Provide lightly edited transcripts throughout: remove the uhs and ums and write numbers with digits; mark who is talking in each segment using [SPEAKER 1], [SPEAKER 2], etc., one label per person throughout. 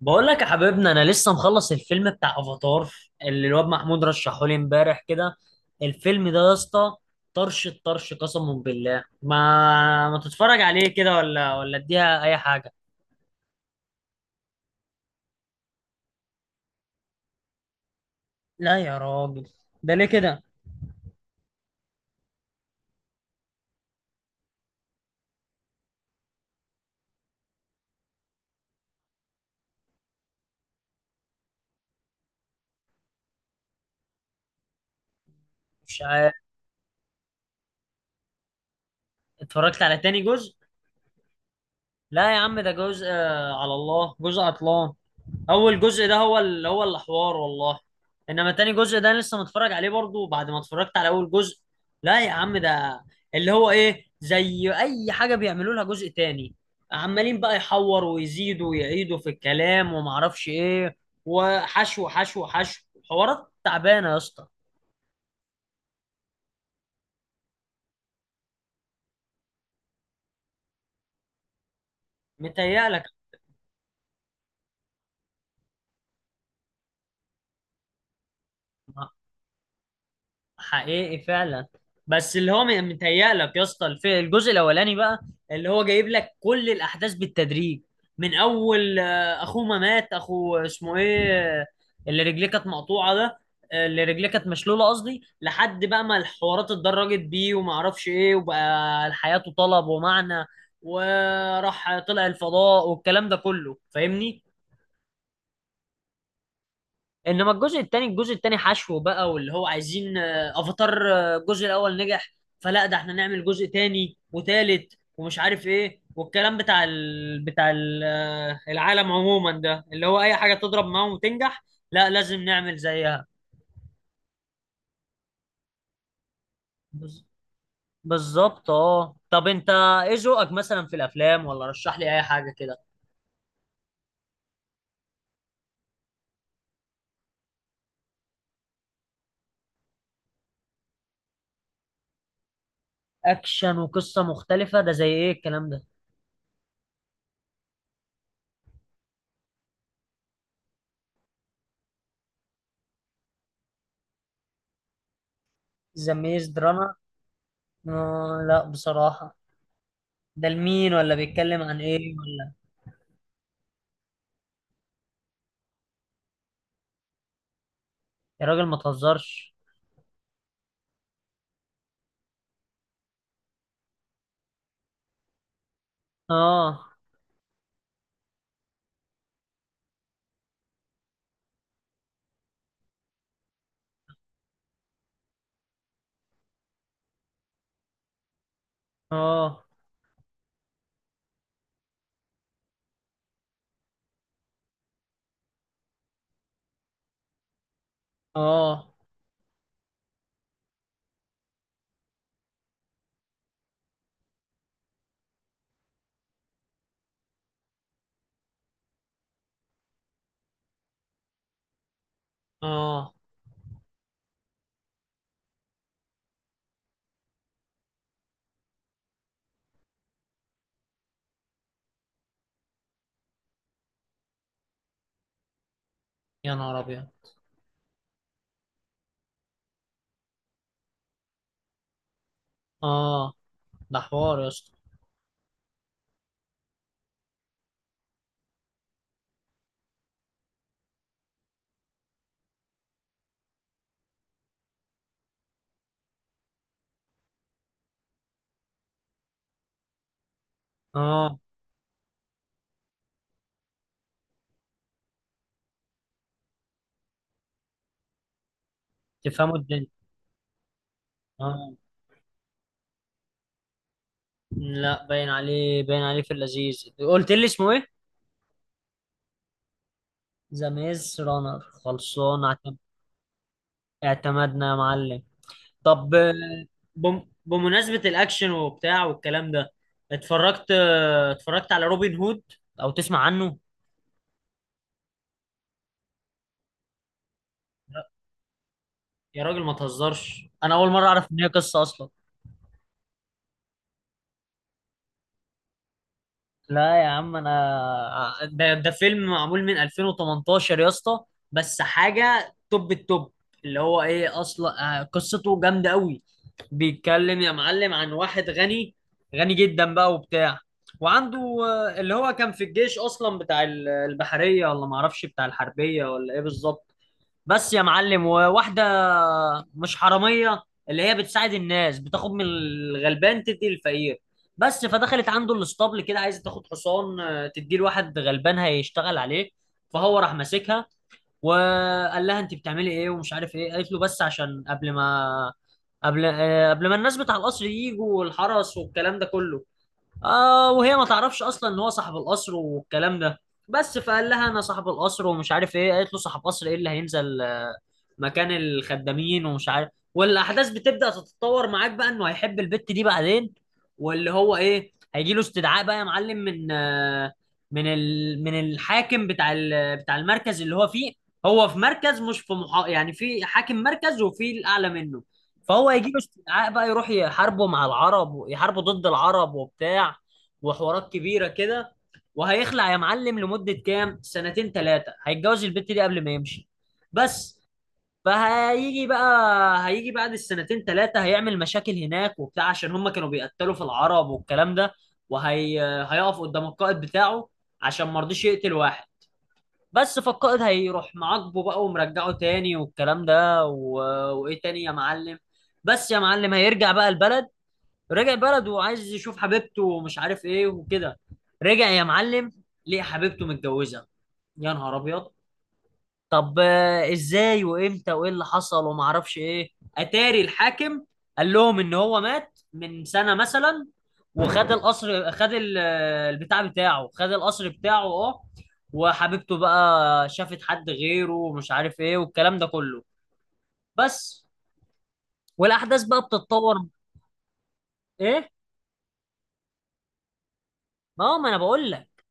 [SPEAKER 1] بقول لك يا حبيبنا انا لسه مخلص الفيلم بتاع افاتار اللي الواد محمود رشحه لي امبارح كده. الفيلم ده يا اسطى طرش الطرش، قسما بالله ما تتفرج عليه كده ولا اديها اي حاجه. لا يا راجل، ده ليه كده؟ مش عارف. اتفرجت على تاني جزء. لا يا عم، ده جزء على الله جزء عطلان. اول جزء ده هو اللي هو الحوار والله. انما تاني جزء ده أنا لسه متفرج عليه برضو بعد ما اتفرجت على اول جزء. لا يا عم، ده اللي هو ايه، زي اي حاجه بيعملوا لها جزء تاني، عمالين بقى يحوروا ويزيدوا ويعيدوا في الكلام ومعرفش ايه، وحشو حشو. حوارات تعبانه يا اسطى. متهيألك؟ حقيقي فعلا. بس اللي هو متهيألك يا اسطى الجزء الاولاني بقى اللي هو جايب لك كل الاحداث بالتدريج، من اول اخوه ما مات، اخو اسمه ايه، آه، اللي رجليه كانت مقطوعه ده، اللي رجليه كانت مشلوله قصدي، لحد بقى ما الحوارات اتدرجت بيه وما اعرفش ايه، وبقى حياته طلب ومعنى وراح طلع الفضاء والكلام ده كله، فاهمني؟ انما الجزء التاني الجزء التاني حشو بقى، واللي هو عايزين افاتار الجزء الاول نجح، فلا ده احنا نعمل جزء تاني وتالت ومش عارف ايه، والكلام بتاع ال... بتاع ال... آه، العالم عموما ده اللي هو اي حاجة تضرب معاهم وتنجح، لا لازم نعمل زيها. بز- بالظبط. اه طب انت ايه ذوقك مثلا في الافلام؟ ولا رشح لي اي حاجة كده. اكشن وقصة مختلفة، ده زي ايه الكلام ده؟ ذا ميز دراما؟ آه لا بصراحة. ده لمين؟ ولا بيتكلم عن ايه؟ ولا؟ يا راجل ما تهزرش. اه. اه. اه. اه يا نهار ابيض. اه، ده حوار يا اسطى. اه. تفهموا الدنيا. اه. لا باين عليه، باين عليه في اللذيذ. قلت لي اسمه ايه؟ ذا ميز رانر. اعتمدنا يا معلم. طب بمناسبة الاكشن وبتاع والكلام ده، اتفرجت اتفرجت على روبن هود؟ او تسمع عنه؟ يا راجل ما تهزرش، انا اول مرة اعرف ان هي قصة اصلا. لا يا عم، انا ده فيلم معمول من 2018 يا اسطى، بس حاجه توب التوب، اللي هو ايه اصلا، قصته جامده قوي. بيتكلم يا معلم عن واحد غني، غني جدا بقى وبتاع، وعنده اللي هو كان في الجيش اصلا بتاع البحريه ولا معرفش بتاع الحربيه ولا ايه بالظبط. بس يا معلم وواحدة مش حرامية، اللي هي بتساعد الناس، بتاخد من الغلبان تدي الفقير بس. فدخلت عنده الاسطبل كده عايزة تاخد حصان تديه لواحد غلبان هيشتغل عليه. فهو راح ماسكها وقال لها انت بتعملي ايه ومش عارف ايه، قالت له بس عشان قبل ما الناس بتاع القصر يجوا والحرس والكلام ده كله. آه وهي ما تعرفش اصلا ان هو صاحب القصر والكلام ده. بس فقال لها انا صاحب القصر ومش عارف ايه، قالت له صاحب قصر ايه اللي هينزل مكان الخدامين ومش عارف. والاحداث بتبدا تتطور معاك بقى انه هيحب البت دي بعدين، واللي هو ايه، هيجي له استدعاء بقى يا معلم من من الحاكم بتاع بتاع المركز اللي هو فيه. هو في مركز، مش في يعني في حاكم مركز وفي الاعلى منه. فهو هيجيب استدعاء بقى، يروح يحاربوا مع العرب ويحاربوا ضد العرب وبتاع، وحوارات كبيرة كده. وهيخلع يا معلم لمدة كام سنتين ثلاثة، هيتجوز البت دي قبل ما يمشي بس. فهيجي بقى هيجي بعد السنتين ثلاثة، هيعمل مشاكل هناك وبتاع عشان هم كانوا بيقتلوا في العرب والكلام ده، وهي هيقف قدام القائد بتاعه عشان ما رضيش يقتل واحد بس. فالقائد هيروح معاقبه بقى ومرجعه تاني والكلام ده و... وايه تاني يا معلم؟ بس يا معلم هيرجع بقى البلد، رجع البلد وعايز يشوف حبيبته ومش عارف ايه وكده. رجع يا معلم، ليه حبيبته متجوزة! يا نهار ابيض. طب ازاي وامتى وايه اللي حصل وما اعرفش ايه؟ اتاري الحاكم قال لهم ان هو مات من سنة مثلا، وخد القصر، خد البتاع بتاعه، خد القصر بتاعه اه، وحبيبته بقى شافت حد غيره ومش عارف ايه والكلام ده كله بس. والاحداث بقى بتتطور. ايه؟ ما هو ما انا بقول لك.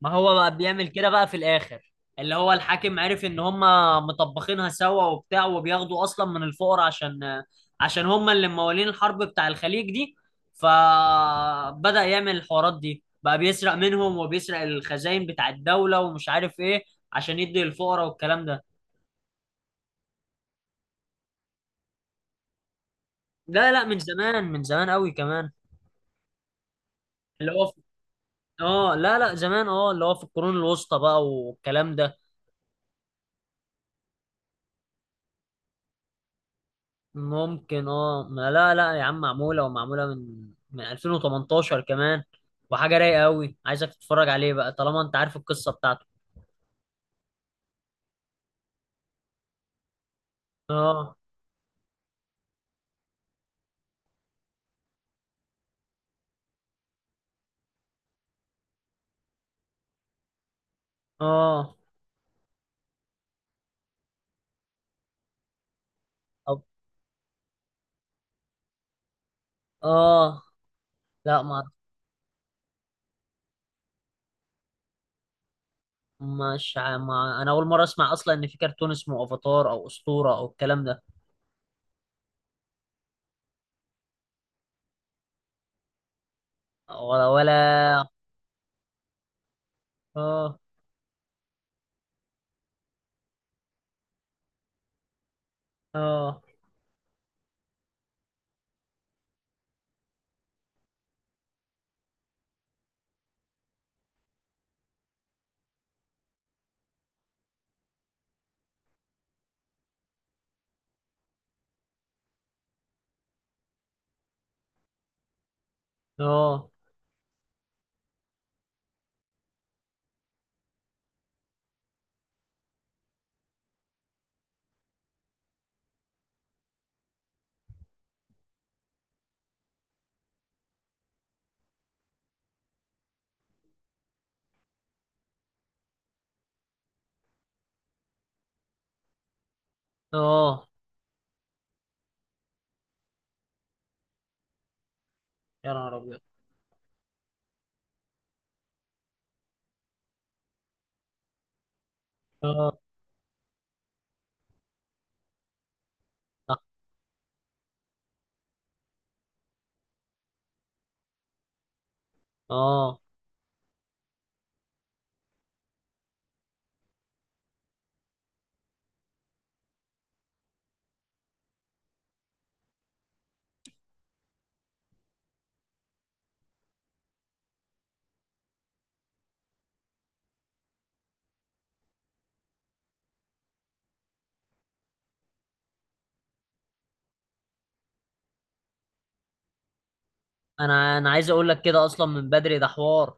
[SPEAKER 1] ما هو بقى بيعمل كده بقى في الاخر، اللي هو الحاكم عرف ان هم مطبخينها سوا وبتاع، وبياخدوا اصلا من الفقراء عشان هم اللي موالين الحرب بتاع الخليج دي، فبدأ يعمل الحوارات دي بقى، بيسرق منهم وبيسرق الخزائن بتاع الدولة ومش عارف ايه عشان يدي للفقراء والكلام ده. لا لا، من زمان، من زمان قوي كمان. اللي هو في... اه لا لا زمان، اه اللي هو في القرون الوسطى بقى والكلام ده. ممكن اه، ما لا لا يا عم معمولة، ومعمولة من 2018 كمان، وحاجة رايقة قوي، عايزك تتفرج عليه بقى طالما انت عارف القصة بتاعته. اه. اه. طب. اه. لا ما مش ع- ما انا اول مرة اسمع اصلا ان في كرتون اسمه افاتار او اسطورة او الكلام ده. ولا اه. اه. اه. اه يا نهار ابيض. اه. اه. انا عايز اقول لك كده اصلا من بدري، ده حوار.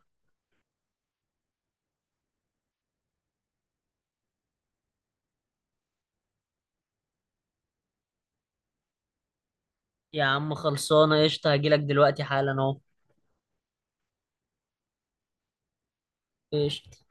[SPEAKER 1] يا عم خلصانة قشطة، هجيلك دلوقتي حالا اهو. قشطة.